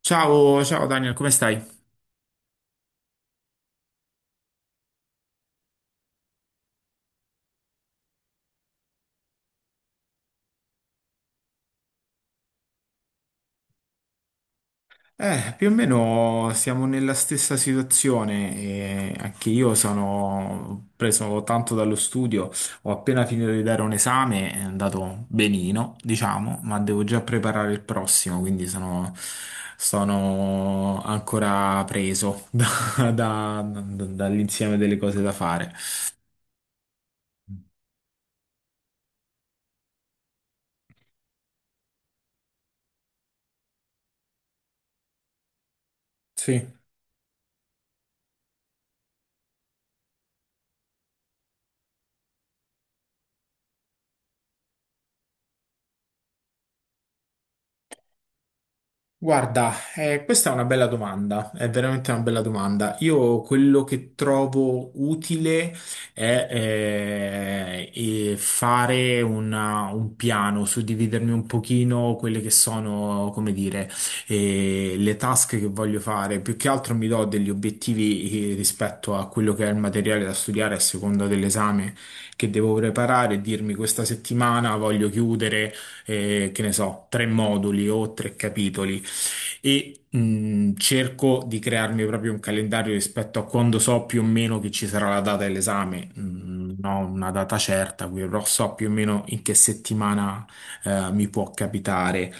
Ciao, ciao Daniel, come stai? Più o meno siamo nella stessa situazione e anche io sono preso tanto dallo studio, ho appena finito di dare un esame, è andato benino, diciamo, ma devo già preparare il prossimo, quindi sono ancora preso dall'insieme delle cose da fare. Sì. Guarda, questa è una bella domanda, è veramente una bella domanda. Io quello che trovo utile è fare un piano, suddividermi un pochino quelle che sono, come dire, le task che voglio fare. Più che altro mi do degli obiettivi, rispetto a quello che è il materiale da studiare a seconda dell'esame che devo preparare e dirmi questa settimana voglio chiudere che ne so, tre moduli o tre capitoli e cerco di crearmi proprio un calendario rispetto a quando so più o meno che ci sarà la data dell'esame. Non ho una data certa, quindi però so più o meno in che settimana mi può capitare.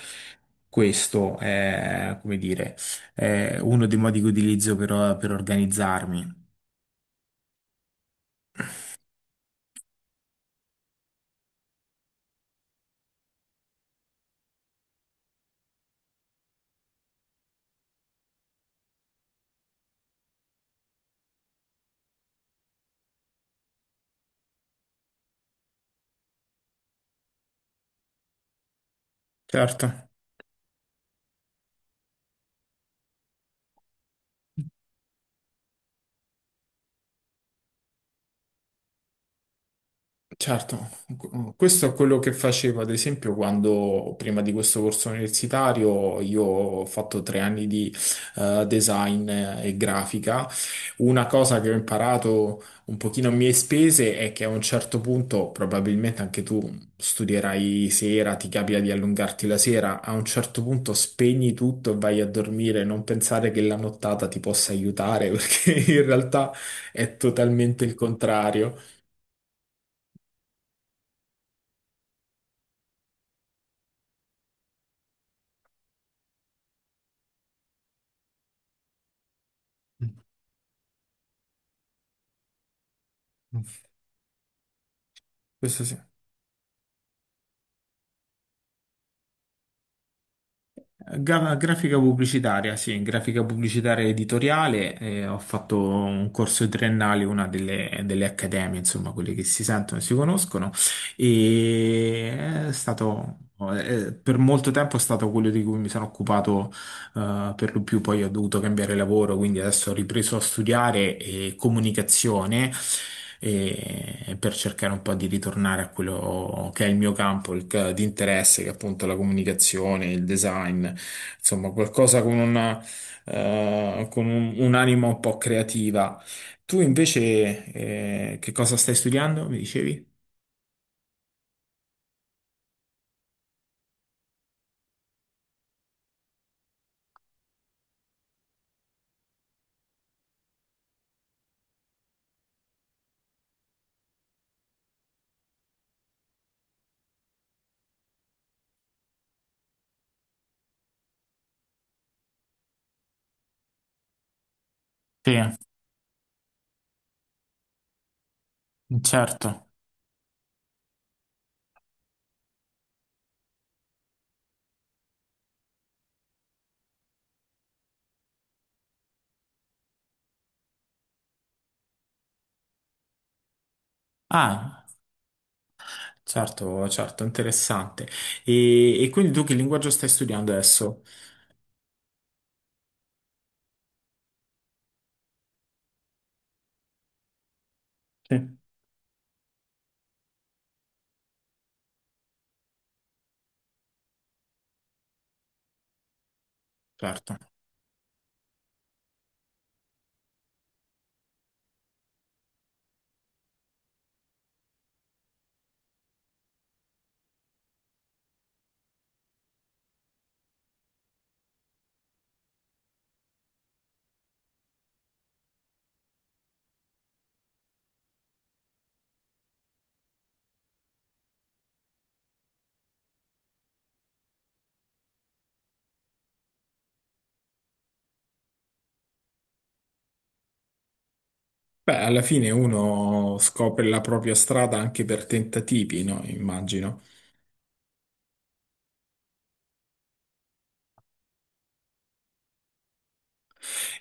Questo è, come dire, è uno dei modi che utilizzo per organizzarmi. Certo. Certo, questo è quello che facevo ad esempio quando prima di questo corso universitario io ho fatto 3 anni di design e grafica. Una cosa che ho imparato un pochino a mie spese è che a un certo punto, probabilmente anche tu studierai sera, ti capita di allungarti la sera, a un certo punto spegni tutto e vai a dormire, non pensare che la nottata ti possa aiutare perché in realtà è totalmente il contrario. Mm. Questo sì. Grafica pubblicitaria, sì, grafica pubblicitaria editoriale, ho fatto un corso triennale, una delle, delle accademie, insomma, quelle che si sentono e si conoscono, e è stato, per molto tempo è stato quello di cui mi sono occupato per lo più poi ho dovuto cambiare lavoro, quindi adesso ho ripreso a studiare comunicazione per cercare un po' di ritornare a quello che è il mio campo di interesse, che è appunto la comunicazione, il design, insomma qualcosa con una, con un'anima un po' creativa. Tu invece che cosa stai studiando, mi dicevi? Sì, certo. Ah. Certo, certo, interessante. E quindi tu che linguaggio stai studiando adesso? Sì. Certo. Beh, alla fine uno scopre la propria strada anche per tentativi, no? Immagino.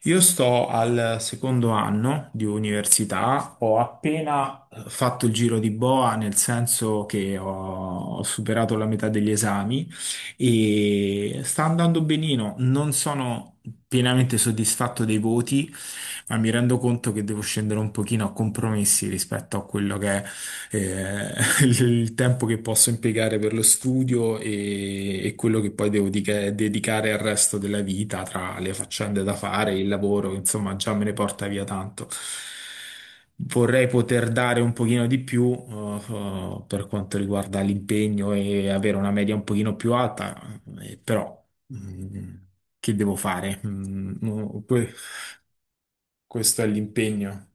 Io sto al secondo anno di università, ho appena fatto il giro di boa, nel senso che ho superato la metà degli esami e sta andando benino. Non sono pienamente soddisfatto dei voti, ma mi rendo conto che devo scendere un pochino a compromessi rispetto a quello che è, eh, il tempo che posso impiegare per lo studio e quello che poi devo dedicare al resto della vita, tra le faccende da fare, il lavoro, insomma, già me ne porta via tanto. Vorrei poter dare un pochino di più, per quanto riguarda l'impegno e avere una media un pochino più alta, però, mm, che devo fare? Mm, no, questo è l'impegno.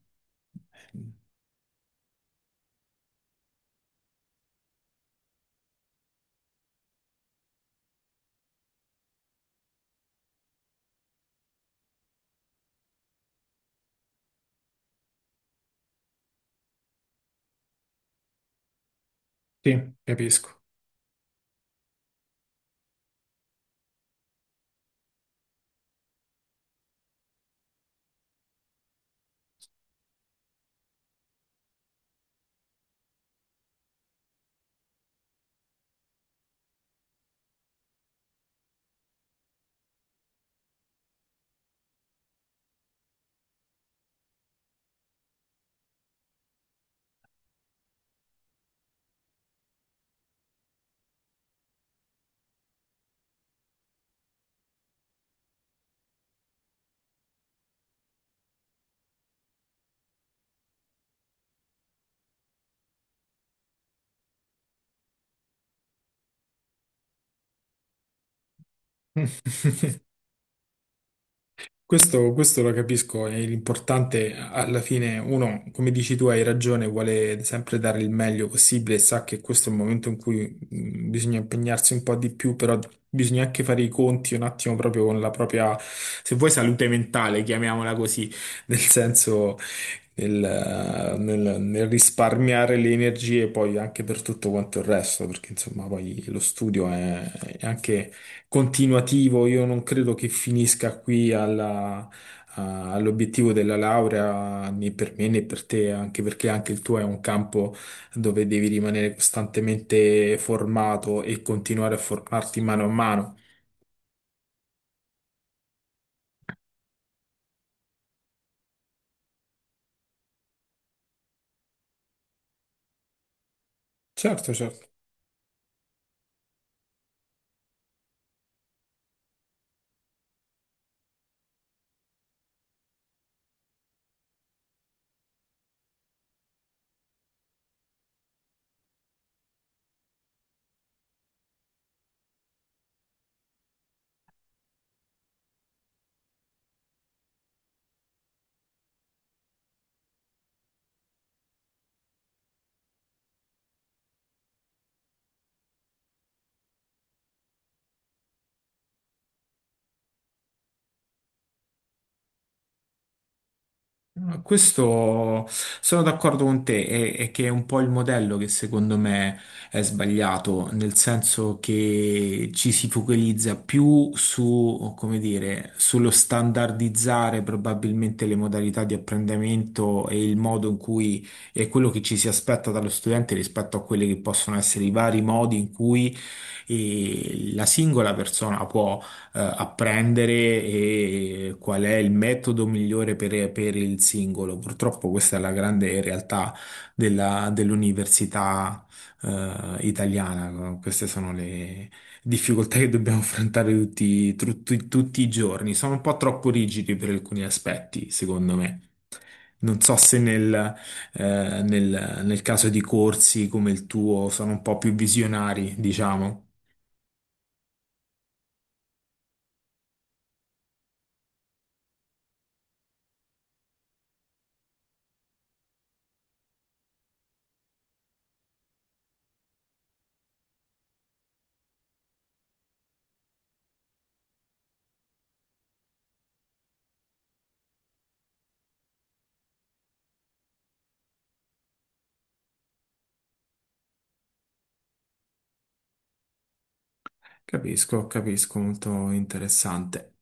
Sì, capisco. Questo lo capisco, e l'importante alla fine, uno, come dici tu, hai ragione, vuole sempre dare il meglio possibile, sa che questo è il momento in cui bisogna impegnarsi un po' di più, però bisogna anche fare i conti un attimo proprio con la propria, se vuoi, salute mentale, chiamiamola così, nel senso nel risparmiare le energie poi anche per tutto quanto il resto, perché insomma poi lo studio è anche continuativo, io non credo che finisca qui all'obiettivo della laurea né per me né per te, anche perché anche il tuo è un campo dove devi rimanere costantemente formato e continuare a formarti mano a mano. Certo, certo. No, questo sono d'accordo con te, è che è un po' il modello che secondo me è sbagliato, nel senso che ci si focalizza più su, come dire, sullo standardizzare probabilmente le modalità di apprendimento e il modo in cui è quello che ci si aspetta dallo studente rispetto a quelli che possono essere i vari modi in cui la singola persona può apprendere e qual è il metodo migliore per il singolo. Purtroppo questa è la grande realtà dell'università italiana. Queste sono le difficoltà che dobbiamo affrontare tutti, tutti tutti i giorni. Sono un po' troppo rigidi per alcuni aspetti, secondo me. Non so se nel caso di corsi come il tuo sono un po' più visionari, diciamo. Capisco, capisco, molto interessante.